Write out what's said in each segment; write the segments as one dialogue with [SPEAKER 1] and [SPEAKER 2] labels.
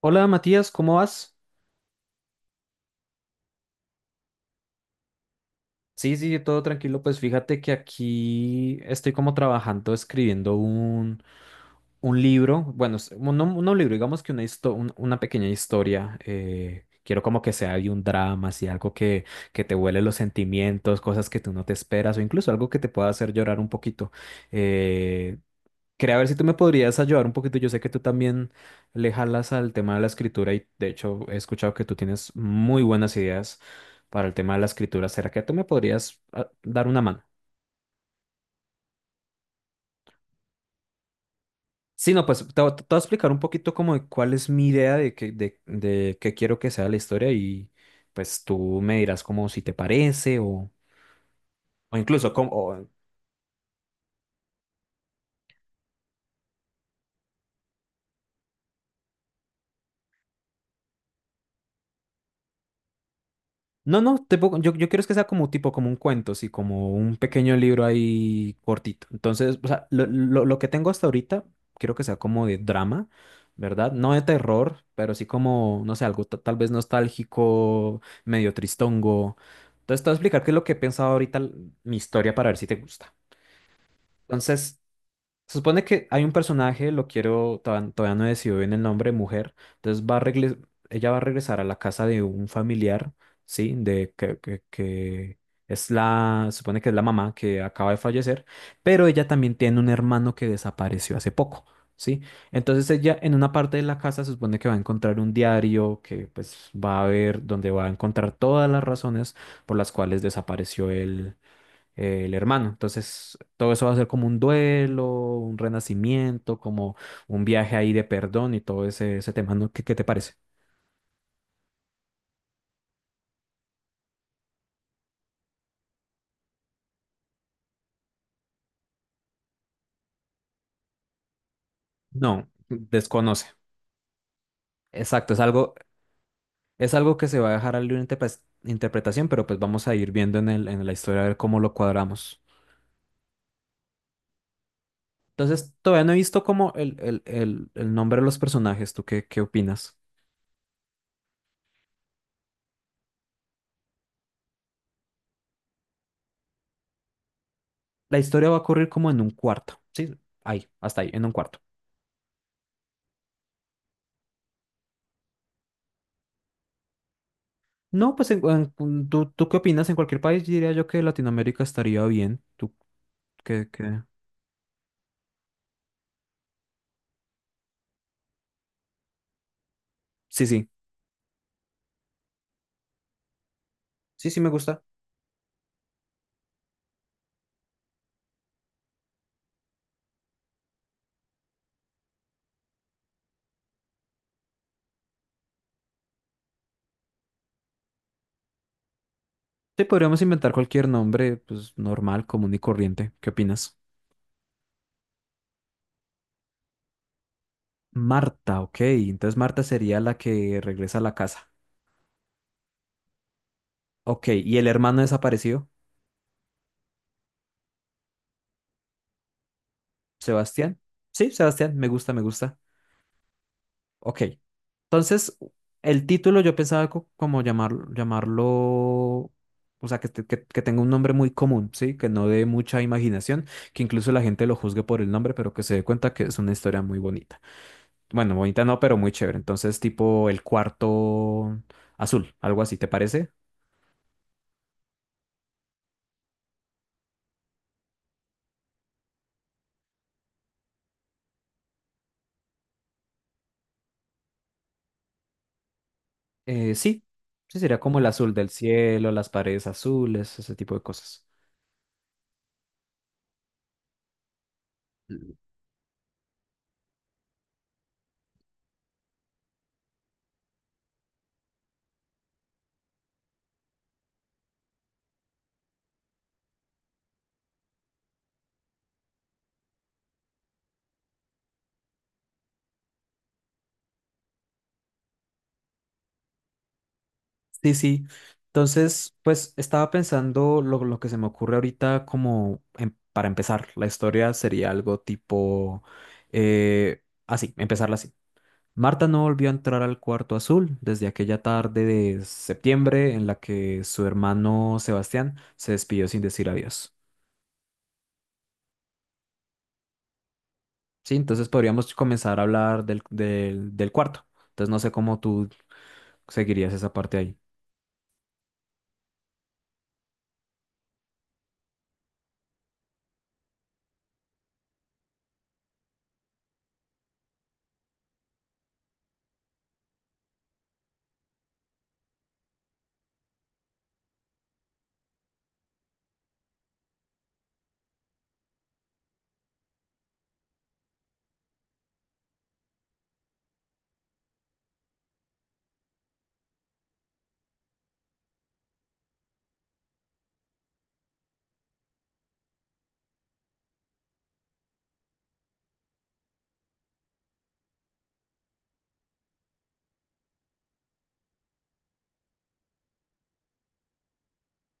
[SPEAKER 1] Hola Matías, ¿cómo vas? Sí, sí, todo tranquilo. Pues fíjate que aquí estoy como trabajando, escribiendo un libro. Bueno, no un libro, digamos que una pequeña historia. Quiero como que sea de un drama, así algo que te huele los sentimientos, cosas que tú no te esperas, o incluso algo que te pueda hacer llorar un poquito. Eh, Quería ver si tú me podrías ayudar un poquito. Yo sé que tú también le jalas al tema de la escritura y de hecho he escuchado que tú tienes muy buenas ideas para el tema de la escritura. ¿Será que tú me podrías dar una mano? Sí, no, pues te voy a explicar un poquito como de cuál es mi idea de qué quiero que sea la historia y pues tú me dirás como si te parece o incluso como, no, no, yo quiero es que sea como tipo, como un cuento, sí, como un pequeño libro ahí cortito. Entonces, o sea, lo que tengo hasta ahorita, quiero que sea como de drama, ¿verdad? No de terror, pero sí como, no sé, algo tal vez nostálgico, medio tristongo. Entonces, te voy a explicar qué es lo que he pensado ahorita, mi historia, para ver si te gusta. Entonces, se supone que hay un personaje, lo quiero, todavía no he decidido bien el nombre, mujer. Entonces ella va a regresar a la casa de un familiar, ¿sí? De que es la, se supone que es la mamá que acaba de fallecer, pero ella también tiene un hermano que desapareció hace poco, ¿sí? Entonces ella en una parte de la casa se supone que va a encontrar un diario que pues va a ver, donde va a encontrar todas las razones por las cuales desapareció el hermano. Entonces, todo eso va a ser como un duelo, un renacimiento, como un viaje ahí de perdón y todo ese tema, ¿no? Qué te parece? No, desconoce. Exacto, es algo que se va a dejar a libre interpretación, pero pues vamos a ir viendo en la historia a ver cómo lo cuadramos. Entonces, todavía no he visto como el nombre de los personajes. ¿Tú qué opinas? La historia va a ocurrir como en un cuarto, ¿sí? Ahí, hasta ahí, en un cuarto. No, pues tú qué opinas? En cualquier país diría yo que Latinoamérica estaría bien. ¿Tú qué, qué? Sí, sí. Sí, sí, me gusta. Sí, podríamos inventar cualquier nombre, pues normal, común y corriente. ¿Qué opinas? Marta, ok. Entonces Marta sería la que regresa a la casa. Ok, ¿y el hermano desaparecido? ¿Sebastián? Sí, Sebastián, me gusta, me gusta. Ok. Entonces, el título yo pensaba como llamarlo, o sea, que tenga un nombre muy común, ¿sí? Que no dé mucha imaginación, que incluso la gente lo juzgue por el nombre, pero que se dé cuenta que es una historia muy bonita. Bueno, bonita no, pero muy chévere. Entonces, tipo el cuarto azul, algo así, ¿te parece? Sí, sí, sería como el azul del cielo, las paredes azules, ese tipo de cosas. Sí, sí. Entonces, pues estaba pensando lo que se me ocurre ahorita como para empezar. La historia sería algo tipo así, empezarla así. Marta no volvió a entrar al cuarto azul desde aquella tarde de septiembre en la que su hermano Sebastián se despidió sin decir adiós. Sí, entonces podríamos comenzar a hablar del cuarto. Entonces no sé cómo tú seguirías esa parte ahí.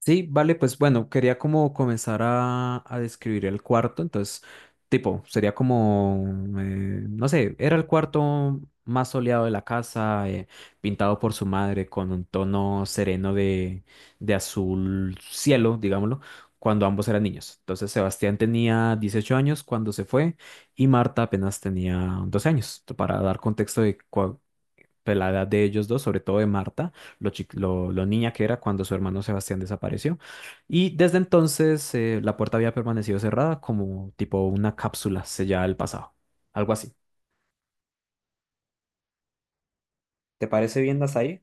[SPEAKER 1] Sí, vale, pues bueno, quería como comenzar a describir el cuarto, entonces, tipo, sería como, no sé, era el cuarto más soleado de la casa, pintado por su madre con un tono sereno de azul cielo, digámoslo, cuando ambos eran niños. Entonces, Sebastián tenía 18 años cuando se fue y Marta apenas tenía 12 años, para dar contexto de pues, la edad de ellos dos, sobre todo de Marta, lo niña que era cuando su hermano Sebastián desapareció. Y desde entonces la puerta había permanecido cerrada como tipo una cápsula sellada del pasado, algo así. ¿Te parece bien, Dasai?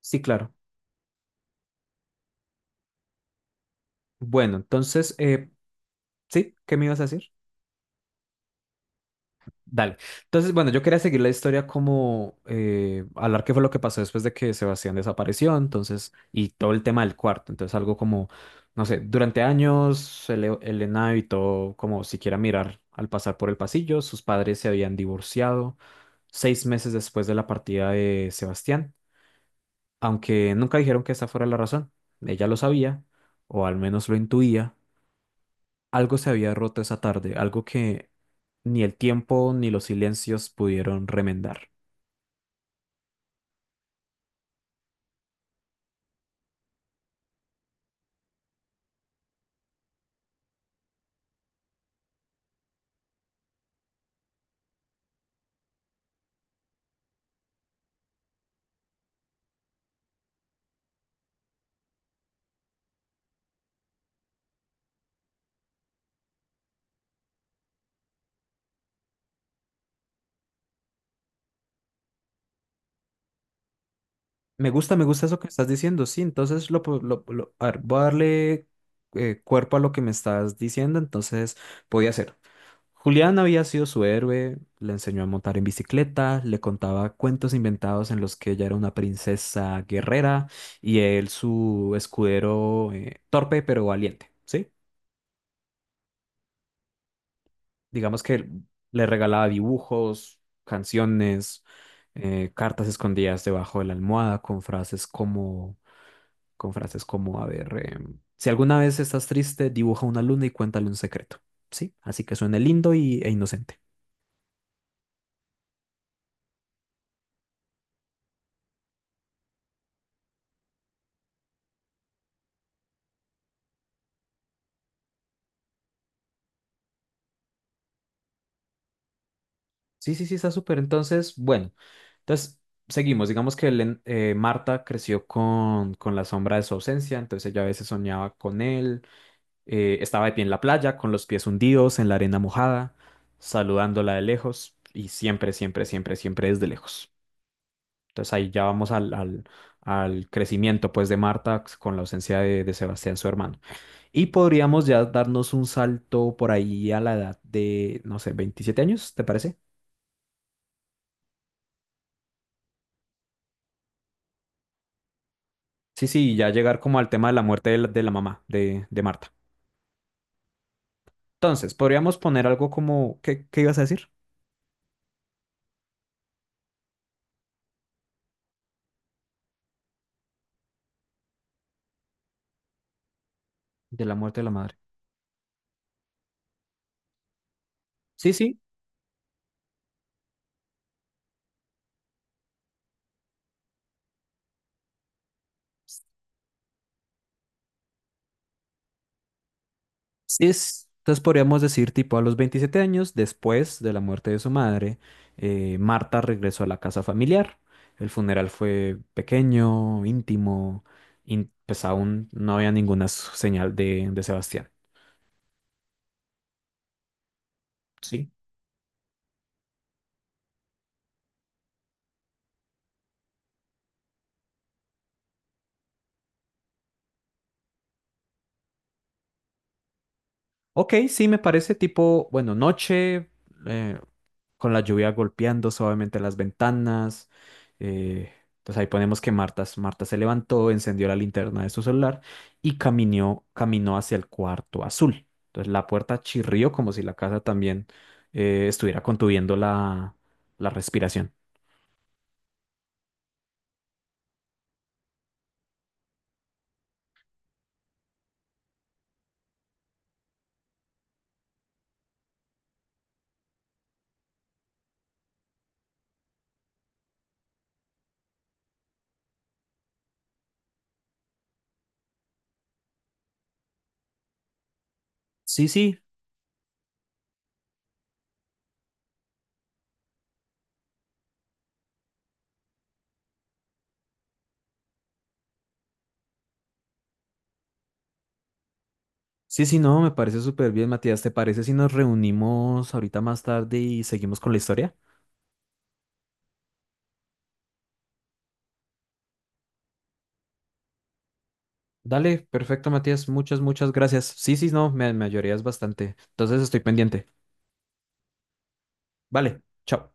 [SPEAKER 1] Sí, claro. Bueno, entonces, ¿sí? ¿Qué me ibas a decir? Dale. Entonces, bueno, yo quería seguir la historia como hablar qué fue lo que pasó después de que Sebastián desapareció, entonces, y todo el tema del cuarto. Entonces, algo como, no sé, durante años Elena evitó como siquiera mirar al pasar por el pasillo. Sus padres se habían divorciado 6 meses después de la partida de Sebastián, aunque nunca dijeron que esa fuera la razón. Ella lo sabía, o al menos lo intuía. Algo se había roto esa tarde, algo que ni el tiempo ni los silencios pudieron remendar. Me gusta eso que estás diciendo, sí, entonces lo, po- lo- a ver, voy a darle cuerpo a lo que me estás diciendo, entonces podía ser. Julián había sido su héroe, le enseñó a montar en bicicleta, le contaba cuentos inventados en los que ella era una princesa guerrera y él su escudero torpe pero valiente. ¿Sí? Digamos que le regalaba dibujos, canciones, cartas escondidas debajo de la almohada con con frases como, a ver, si alguna vez estás triste, dibuja una luna y cuéntale un secreto, ¿sí? Así que suene lindo e inocente. Sí, sí, sí, está súper. Entonces, bueno, entonces seguimos. Digamos que Marta creció con la sombra de su ausencia, entonces ella a veces soñaba con él. Estaba de pie en la playa, con los pies hundidos en la arena mojada, saludándola de lejos y siempre, siempre, siempre, siempre desde lejos. Entonces ahí ya vamos al crecimiento pues de Marta pues, con la ausencia de Sebastián, su hermano. Y podríamos ya darnos un salto por ahí a la edad de, no sé, 27 años, ¿te parece? Sí, sí, ya llegar como al tema de la muerte de de la mamá de Marta. Entonces, podríamos poner algo como, ¿qué, qué ibas a decir? De la muerte de la madre. Sí, sí, sí entonces podríamos decir, tipo, a los 27 años, después de la muerte de su madre, Marta regresó a la casa familiar. El funeral fue pequeño, íntimo, pues aún no había ninguna señal de Sebastián. Sí. Ok, sí, me parece tipo, bueno, noche, eh, con la lluvia golpeando suavemente las ventanas. Eh, entonces ahí ponemos que Marta se levantó, encendió la linterna de su celular y caminó hacia el cuarto azul. Entonces la puerta chirrió como si la casa también estuviera contuviendo la respiración. Sí, sí, sí, sí, no, me parece súper bien, Matías. ¿Te parece si nos reunimos ahorita más tarde y seguimos con la historia? Dale, perfecto, Matías. Muchas, muchas gracias. Sí, sí, no, me ayudarías bastante. Entonces estoy pendiente. Vale, chao.